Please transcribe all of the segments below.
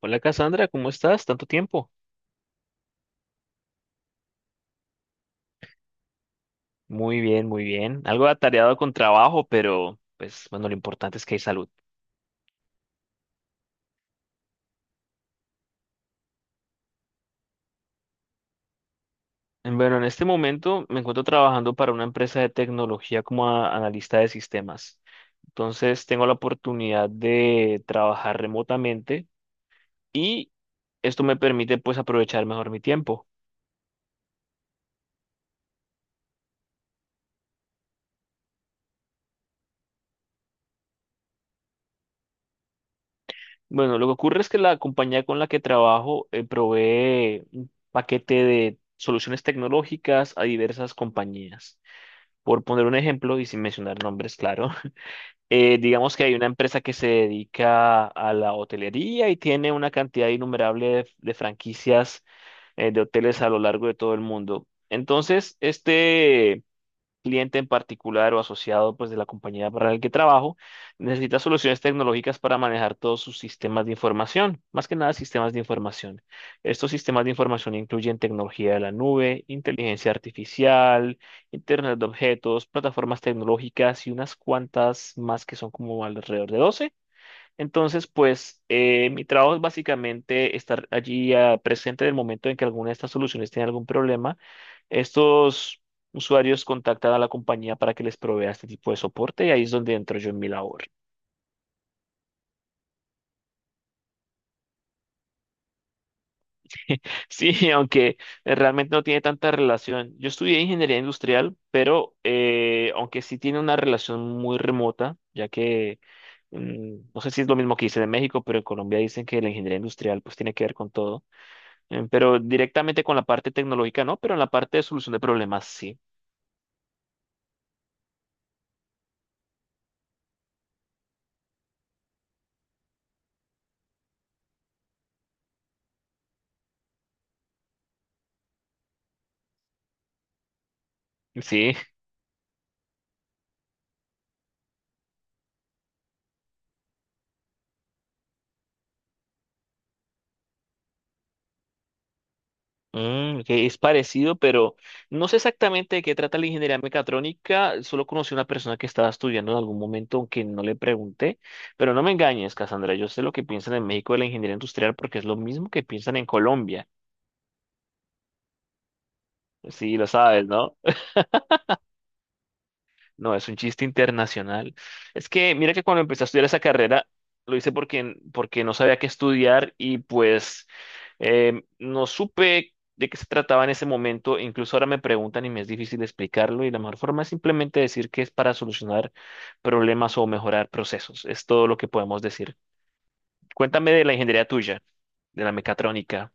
Hola Cassandra, ¿cómo estás? ¿Tanto tiempo? Muy bien, muy bien. Algo atareado con trabajo, pero pues bueno, lo importante es que hay salud. Bueno, en este momento me encuentro trabajando para una empresa de tecnología como analista de sistemas. Entonces tengo la oportunidad de trabajar remotamente y esto me permite pues aprovechar mejor mi tiempo. Bueno, lo que ocurre es que la compañía con la que trabajo provee un paquete de soluciones tecnológicas a diversas compañías. Por poner un ejemplo y sin mencionar nombres, claro, digamos que hay una empresa que se dedica a la hotelería y tiene una cantidad innumerable de franquicias de hoteles a lo largo de todo el mundo. Entonces, este cliente en particular o asociado pues de la compañía para el que trabajo, necesita soluciones tecnológicas para manejar todos sus sistemas de información, más que nada sistemas de información. Estos sistemas de información incluyen tecnología de la nube, inteligencia artificial, Internet de objetos, plataformas tecnológicas y unas cuantas más que son como alrededor de 12. Entonces, pues mi trabajo es básicamente estar allí presente en el momento en que alguna de estas soluciones tiene algún problema, estos usuarios contactan a la compañía para que les provea este tipo de soporte y ahí es donde entro yo en mi labor. Sí, aunque realmente no tiene tanta relación. Yo estudié ingeniería industrial, pero aunque sí tiene una relación muy remota, ya que no sé si es lo mismo que dicen en México, pero en Colombia dicen que la ingeniería industrial pues tiene que ver con todo. Pero directamente con la parte tecnológica no, pero en la parte de solución de problemas sí. Sí. Mm, que es parecido, pero no sé exactamente de qué trata la ingeniería mecatrónica. Solo conocí a una persona que estaba estudiando en algún momento, aunque no le pregunté. Pero no me engañes, Cassandra. Yo sé lo que piensan en México de la ingeniería industrial porque es lo mismo que piensan en Colombia. Sí, lo sabes, ¿no? No, es un chiste internacional. Es que mira que cuando empecé a estudiar esa carrera, lo hice porque, porque no sabía qué estudiar y pues. No supe de qué se trataba en ese momento, incluso ahora me preguntan y me es difícil explicarlo y la mejor forma es simplemente decir que es para solucionar problemas o mejorar procesos. Es todo lo que podemos decir. Cuéntame de la ingeniería tuya, de la mecatrónica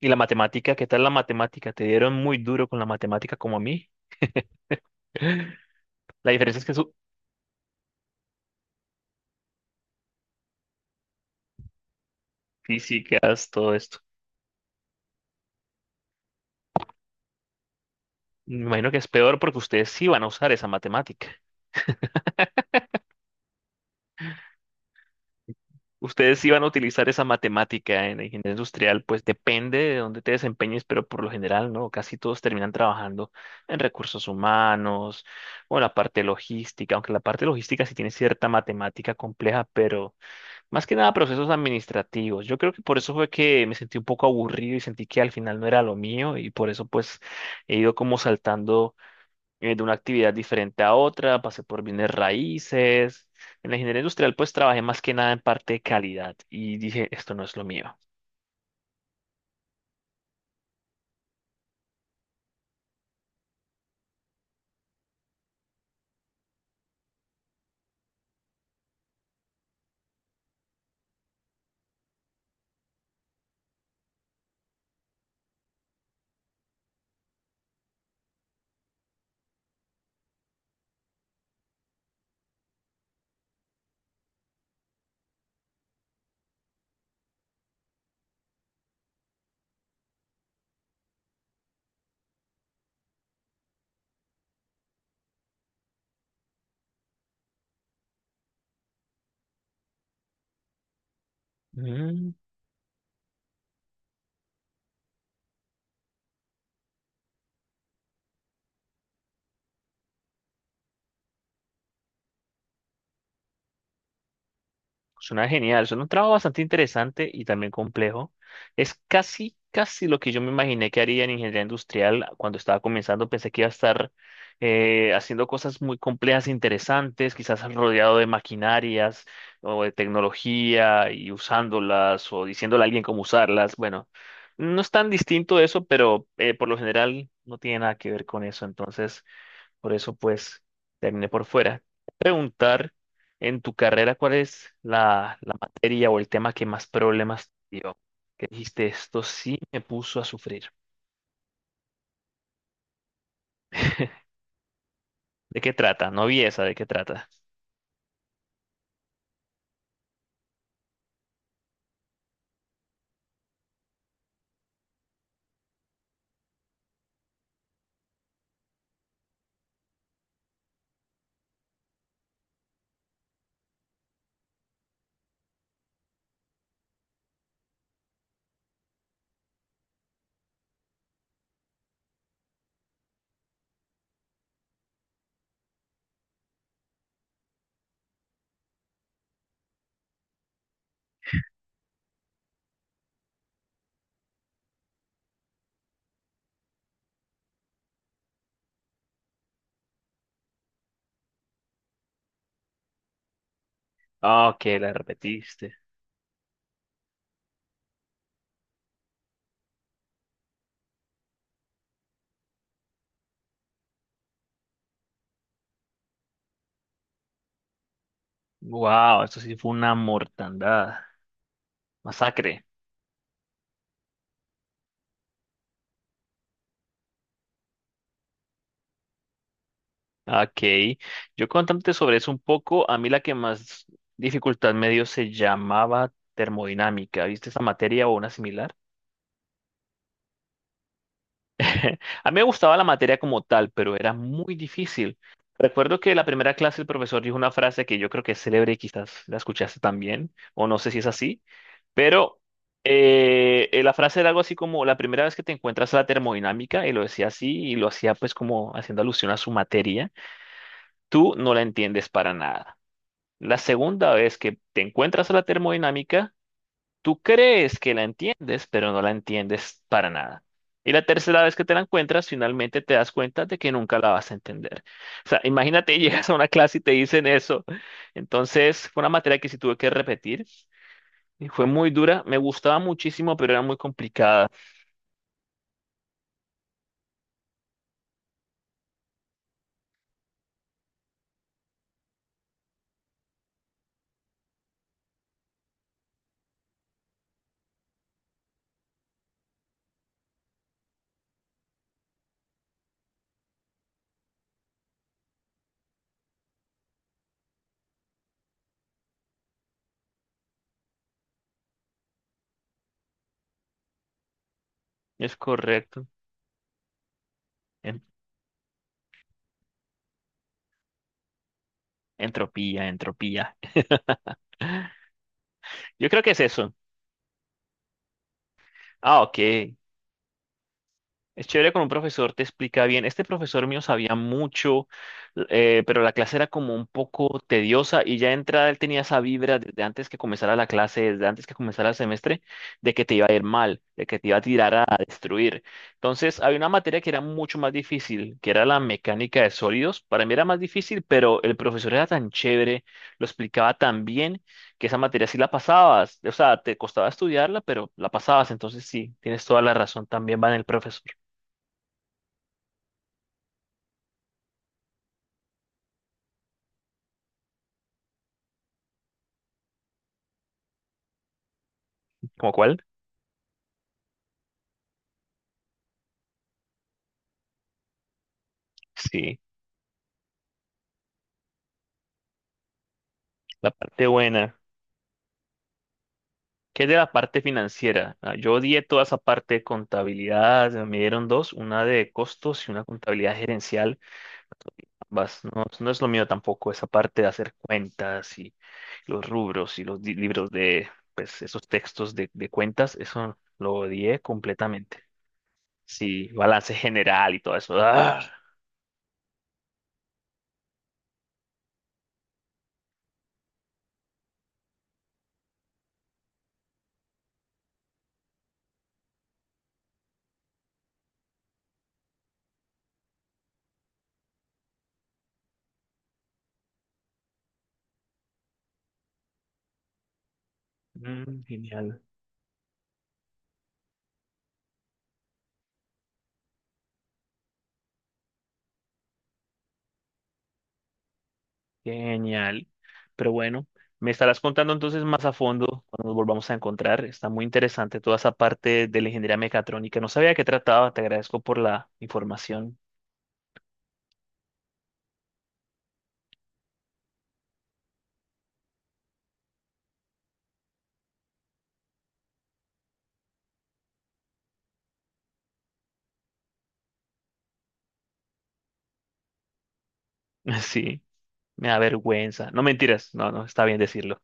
y la matemática. ¿Qué tal la matemática? ¿Te dieron muy duro con la matemática como a mí? La diferencia es que son físicas, todo esto. Me imagino que es peor porque ustedes sí van a usar esa matemática. Ustedes iban a utilizar esa matemática en la ingeniería industrial, pues depende de dónde te desempeñes, pero por lo general, ¿no? Casi todos terminan trabajando en recursos humanos o en la parte logística, aunque la parte logística sí tiene cierta matemática compleja, pero más que nada procesos administrativos. Yo creo que por eso fue que me sentí un poco aburrido y sentí que al final no era lo mío y por eso pues he ido como saltando de una actividad diferente a otra, pasé por bienes raíces. En la ingeniería industrial, pues trabajé más que nada en parte de calidad y dije, esto no es lo mío. Mm. Suena genial, suena un trabajo bastante interesante y también complejo. Es casi, casi lo que yo me imaginé que haría en ingeniería industrial cuando estaba comenzando. Pensé que iba a estar haciendo cosas muy complejas e interesantes, quizás rodeado de maquinarias o de tecnología y usándolas o diciéndole a alguien cómo usarlas. Bueno, no es tan distinto eso, pero por lo general no tiene nada que ver con eso. Entonces... por eso, pues, terminé por fuera. Preguntar, en tu carrera, ¿cuál es la materia o el tema que más problemas te dio? Que dijiste, esto sí me puso a sufrir. ¿De qué trata? No vi esa, ¿de qué trata? Ah, que la repetiste. Wow, esto sí fue una mortandad. Masacre. Ok. Yo contándote sobre eso un poco, a mí la que más dificultad me dio se llamaba termodinámica. ¿Viste esa materia o una similar? A mí me gustaba la materia como tal, pero era muy difícil. Recuerdo que la primera clase el profesor dijo una frase que yo creo que es célebre y quizás la escuchaste también, o no sé si es así, pero la frase era algo así como la primera vez que te encuentras a la termodinámica, y lo decía así, y lo hacía pues como haciendo alusión a su materia, tú no la entiendes para nada. La segunda vez que te encuentras a la termodinámica, tú crees que la entiendes, pero no la entiendes para nada. Y la tercera vez que te la encuentras, finalmente te das cuenta de que nunca la vas a entender. O sea, imagínate, llegas a una clase y te dicen eso. Entonces, fue una materia que sí tuve que repetir y fue muy dura. Me gustaba muchísimo, pero era muy complicada. Es correcto. En- Entropía, entropía. Yo creo que es eso. Ah, ok. Es chévere con un profesor, te explica bien. Este profesor mío sabía mucho, pero la clase era como un poco tediosa y ya de entrada él tenía esa vibra desde antes que comenzara la clase, desde antes que comenzara el semestre, de que te iba a ir mal, de que te iba a tirar a destruir. Entonces, había una materia que era mucho más difícil, que era la mecánica de sólidos. Para mí era más difícil, pero el profesor era tan chévere, lo explicaba tan bien, que esa materia sí la pasabas. O sea, te costaba estudiarla, pero la pasabas. Entonces, sí, tienes toda la razón. También va en el profesor. ¿Cómo cuál? Sí, la parte buena. ¿Qué es de la parte financiera? Ah, yo odié toda esa parte de contabilidad, me dieron dos, una de costos y una contabilidad gerencial. Ambas, no, no es lo mío tampoco, esa parte de hacer cuentas y los rubros y los libros de, pues, esos textos de cuentas, eso lo odié completamente. Sí, balance general y todo eso. ¡Ah! Mm, genial. Genial. Pero bueno, me estarás contando entonces más a fondo cuando nos volvamos a encontrar. Está muy interesante toda esa parte de la ingeniería mecatrónica. No sabía de qué trataba. Te agradezco por la información. Sí, me da vergüenza. No mentiras. No, no, está bien decirlo.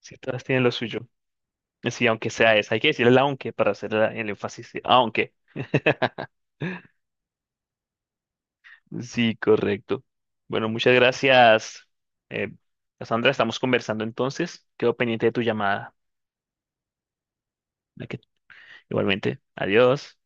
Si todas tienen lo suyo. Sí, aunque sea esa. Hay que decir el aunque para hacer el énfasis. Aunque. Sí, correcto. Bueno, muchas gracias, eh, Cassandra. Estamos conversando entonces. Quedo pendiente de tu llamada. Ok, igualmente. Adiós.